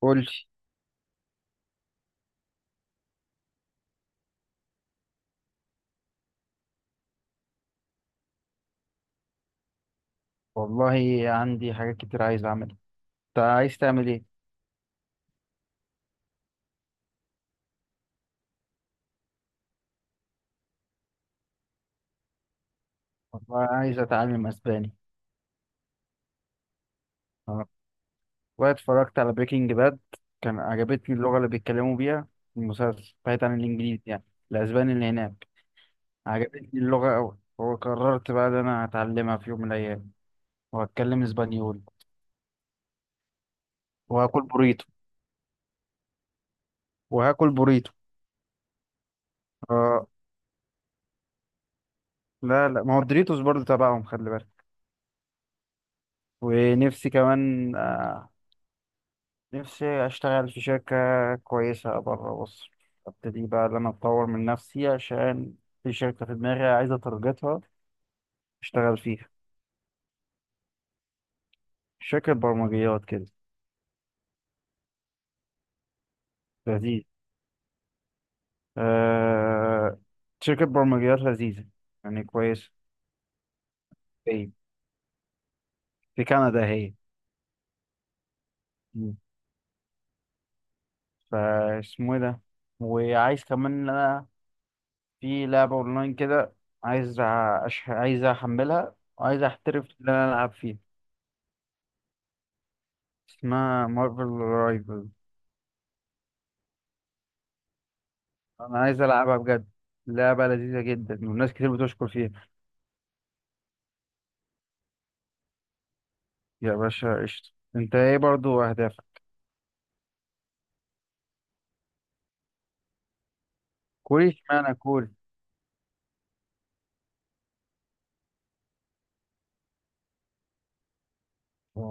قول لي. والله عندي حاجات كتير عايز اعملها. انت عايز تعمل ايه؟ والله عايز اتعلم اسباني. اه، واتفرجت على بريكنج باد. كان عجبتني اللغه اللي بيتكلموا بيها في المسلسل، بعيد عن الانجليزي يعني، الاسباني اللي هناك. عجبتني اللغه قوي، وقررت بقى ان انا هتعلمها في يوم من الايام وهتكلم اسبانيول. وهاكل بوريتو. وهاكل بوريتو. اه. لا لا، ما هو الدوريتوس برضه تبعهم، خلي بالك. ونفسي كمان نفسي أشتغل في شركة كويسة بره مصر. أبتدي بقى إن أنا أطور من نفسي، عشان في شركة في دماغي عايزة أترجتها أشتغل فيها. شركة برمجيات كده. لذيذ. أه... شركة برمجيات لذيذة، يعني كويسة. في في كندا هي. مم. فاسمه إيه ده؟ وعايز كمان إن أنا في لعبة أونلاين كده. عايز أ- عايز أحملها، وعايز أحترف إن أنا ألعب فيها. اسمها مارفل رايفل. انا عايز العبها بجد. لعبه لذيذه جدا، والناس كتير بتشكر فيها. يا باشا قشطه. انت ايه برضو اهدافك؟ كوري؟ اشمعنى كوري؟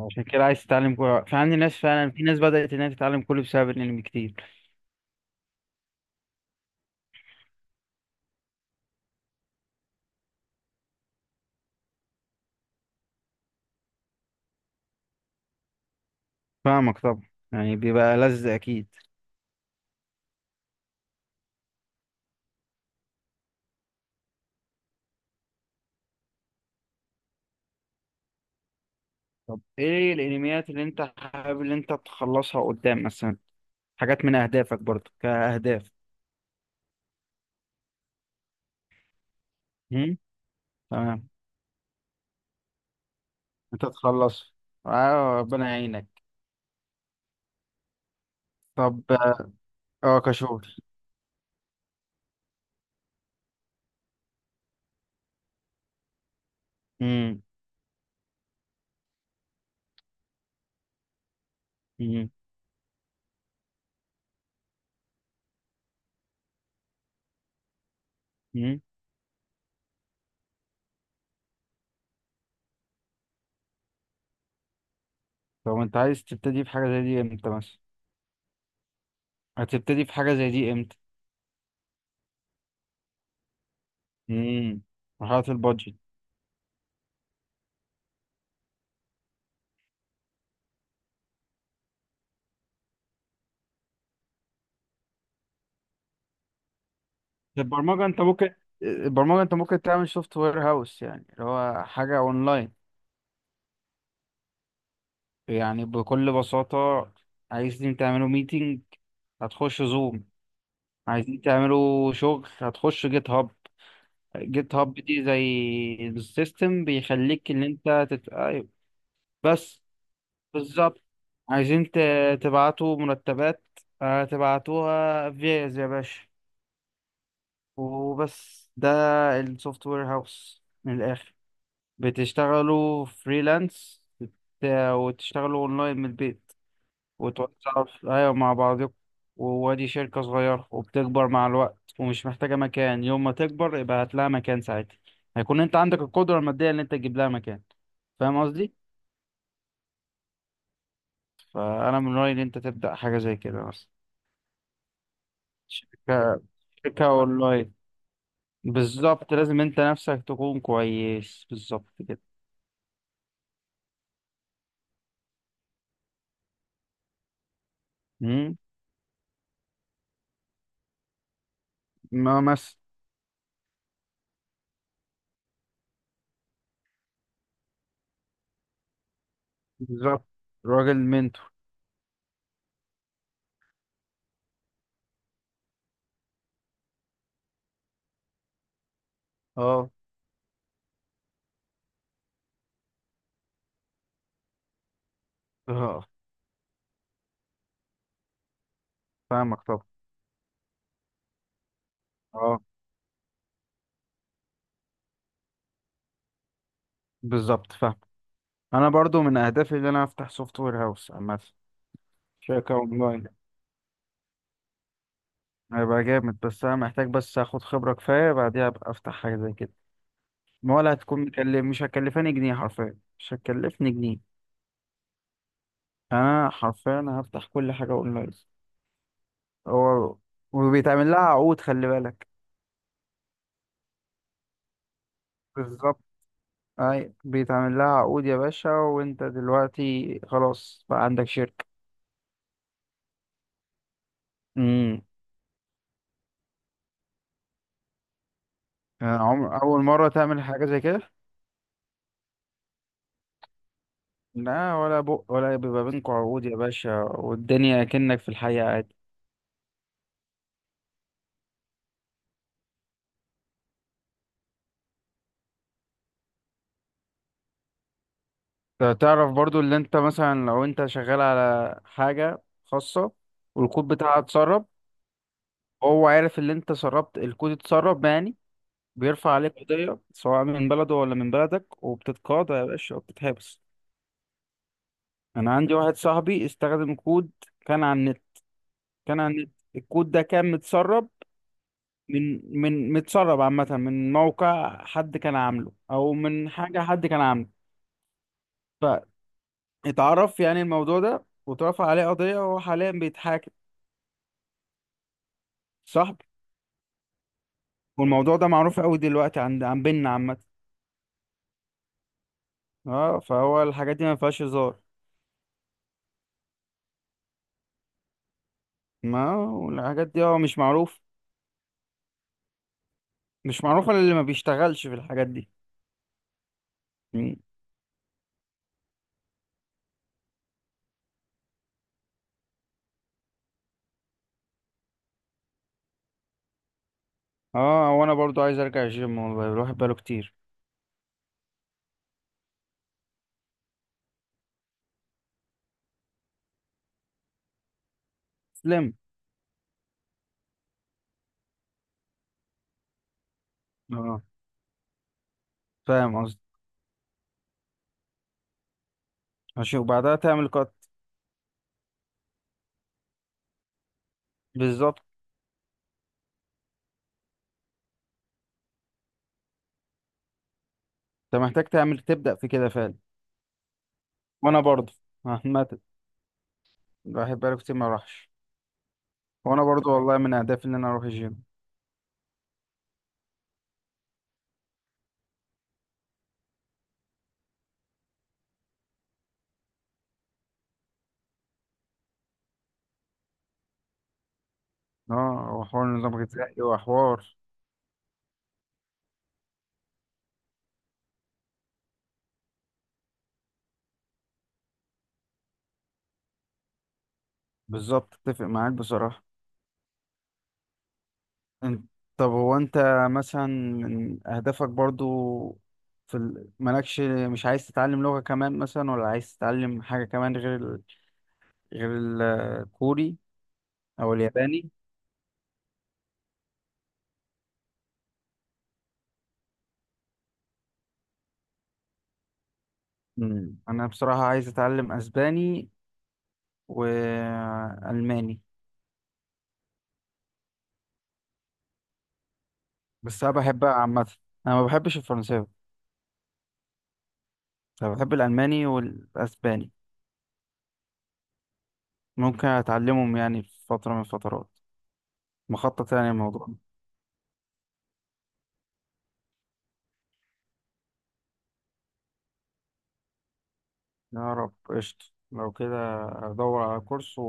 عشان كده عايز تتعلم كوري؟ في عندي ناس فعلا، في ناس بدأت انها تتعلم كوري بسبب الانمي كتير. فاهمك طبعا. يعني بيبقى لذ اكيد. طب ايه الانميات اللي انت حابب اللي انت تخلصها قدام مثلا؟ حاجات من اهدافك برضو كاهداف. هم؟ تمام. انت تخلص، اه ربنا يعينك. طب. اه كشغل. امم. طب انت عايز تبتدي في حاجة زي دي امتى مثلا؟ هتبتدي في حاجة زي دي امتى؟ امم، مرحلة البادجت. البرمجة انت ممكن البرمجة انت ممكن تعمل سوفت وير هاوس، يعني اللي هو حاجة اونلاين. يعني بكل بساطة، عايزين تعملوا ميتنج، هتخش زوم. عايزين تعملوا شغل، هتخش جيت هاب. جيت هاب دي زي السيستم، بيخليك ان انت ايوه، بس. بالظبط. عايزين تبعتوا مرتبات، تبعتوها فيز يا باشا. وبس ده السوفت وير هاوس من الآخر. بتشتغلوا فريلانس، وتشتغلوا اونلاين من البيت. وتوزعوا ايوه، مع بعضكم. وادي شركة صغيرة، وبتكبر مع الوقت، ومش محتاجة مكان. يوم ما تكبر يبقى هات لها مكان ساعتها. هيكون انت عندك القدرة المادية ان انت تجيب لها مكان. فاهم قصدي؟ فانا من رأيي ان انت تبدأ حاجة زي كده، مثلا شركة أونلاين. بالظبط، لازم أنت نفسك تكون كويس، بالظبط كده. مم؟ ما مس بالظبط، راجل منتور. أه. أه. فاهمك طبعا. أه. بالظبط فاهم. أنا برضو من أهدافي إن أنا أفتح سوفت وير هاوس عامة، شركة أونلاين. هيبقى جامد، بس أنا محتاج بس آخد خبرة كفاية، بعديها أبقى أفتح حاجة زي كده. ما ولا هتكون مكلف، مش هتكلفاني جنيه، حرفيا مش هتكلفني جنيه. أنا حرفيا هفتح كل حاجة أونلاين. هو وبيتعمل لها عقود، خلي بالك. بالظبط، اي بيتعمل لها عقود يا باشا، وانت دلوقتي خلاص بقى عندك شركة. امم. عمر اول مرة تعمل حاجة زي كده؟ لا، ولا بق، ولا بيبقى بينكم عقود يا باشا، والدنيا كأنك في الحقيقة عادي. تعرف برضو، اللي انت مثلا لو انت شغال على حاجة خاصة والكود بتاعها اتسرب. هو عارف اللي انت سربت الكود، اتسرب يعني. بيرفع عليك قضية سواء من بلده ولا من بلدك، وبتتقاضى يا باشا وبتتحبس. انا عندي واحد صاحبي استخدم كود كان على النت كان على النت. الكود ده كان متسرب، من متسرب عامة، من موقع حد كان عامله او من حاجة حد كان عامله. فاتعرف يعني الموضوع ده، واترفع عليه قضية، وهو حاليا بيتحاكم. صاحبي. والموضوع ده معروف قوي دلوقتي عند عن بيننا عامة. اه، فهو الحاجات دي ما فيهاش هزار. ما والحاجات دي هو مش معروف، مش معروفة للي ما بيشتغلش في الحاجات دي. م. اه، وانا برضو عايز ارجع الجيم، والله الواحد بقاله كتير. تسلم. اه، فاهم قصدي. ماشي، وبعدها تعمل كات. بالظبط. انت محتاج تعمل، تبدأ في كده فعلا. وانا برضه عامة الواحد بقاله كتير ما راحش. وانا برضه والله من اهدافي ان انا اروح الجيم. اه، وحوار النظام الغذائي وحوار. بالظبط، اتفق معاك بصراحة. انت، طب هو انت مثلا من اهدافك برضه مالكش، مش عايز تتعلم لغة كمان مثلا، ولا عايز تتعلم حاجة كمان غير الكوري او الياباني؟ مم. انا بصراحة عايز اتعلم اسباني والألماني. بس أنا بحب عامة، أنا ما بحبش الفرنساوي. أنا بحب الألماني والأسباني. ممكن أتعلمهم يعني في فترة من الفترات، مخطط يعني الموضوع. يا رب قشطة. لو كده أدور على كورس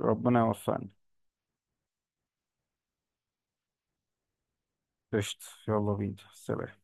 وربنا يوفقني. قشطة، يلا بينا سلام.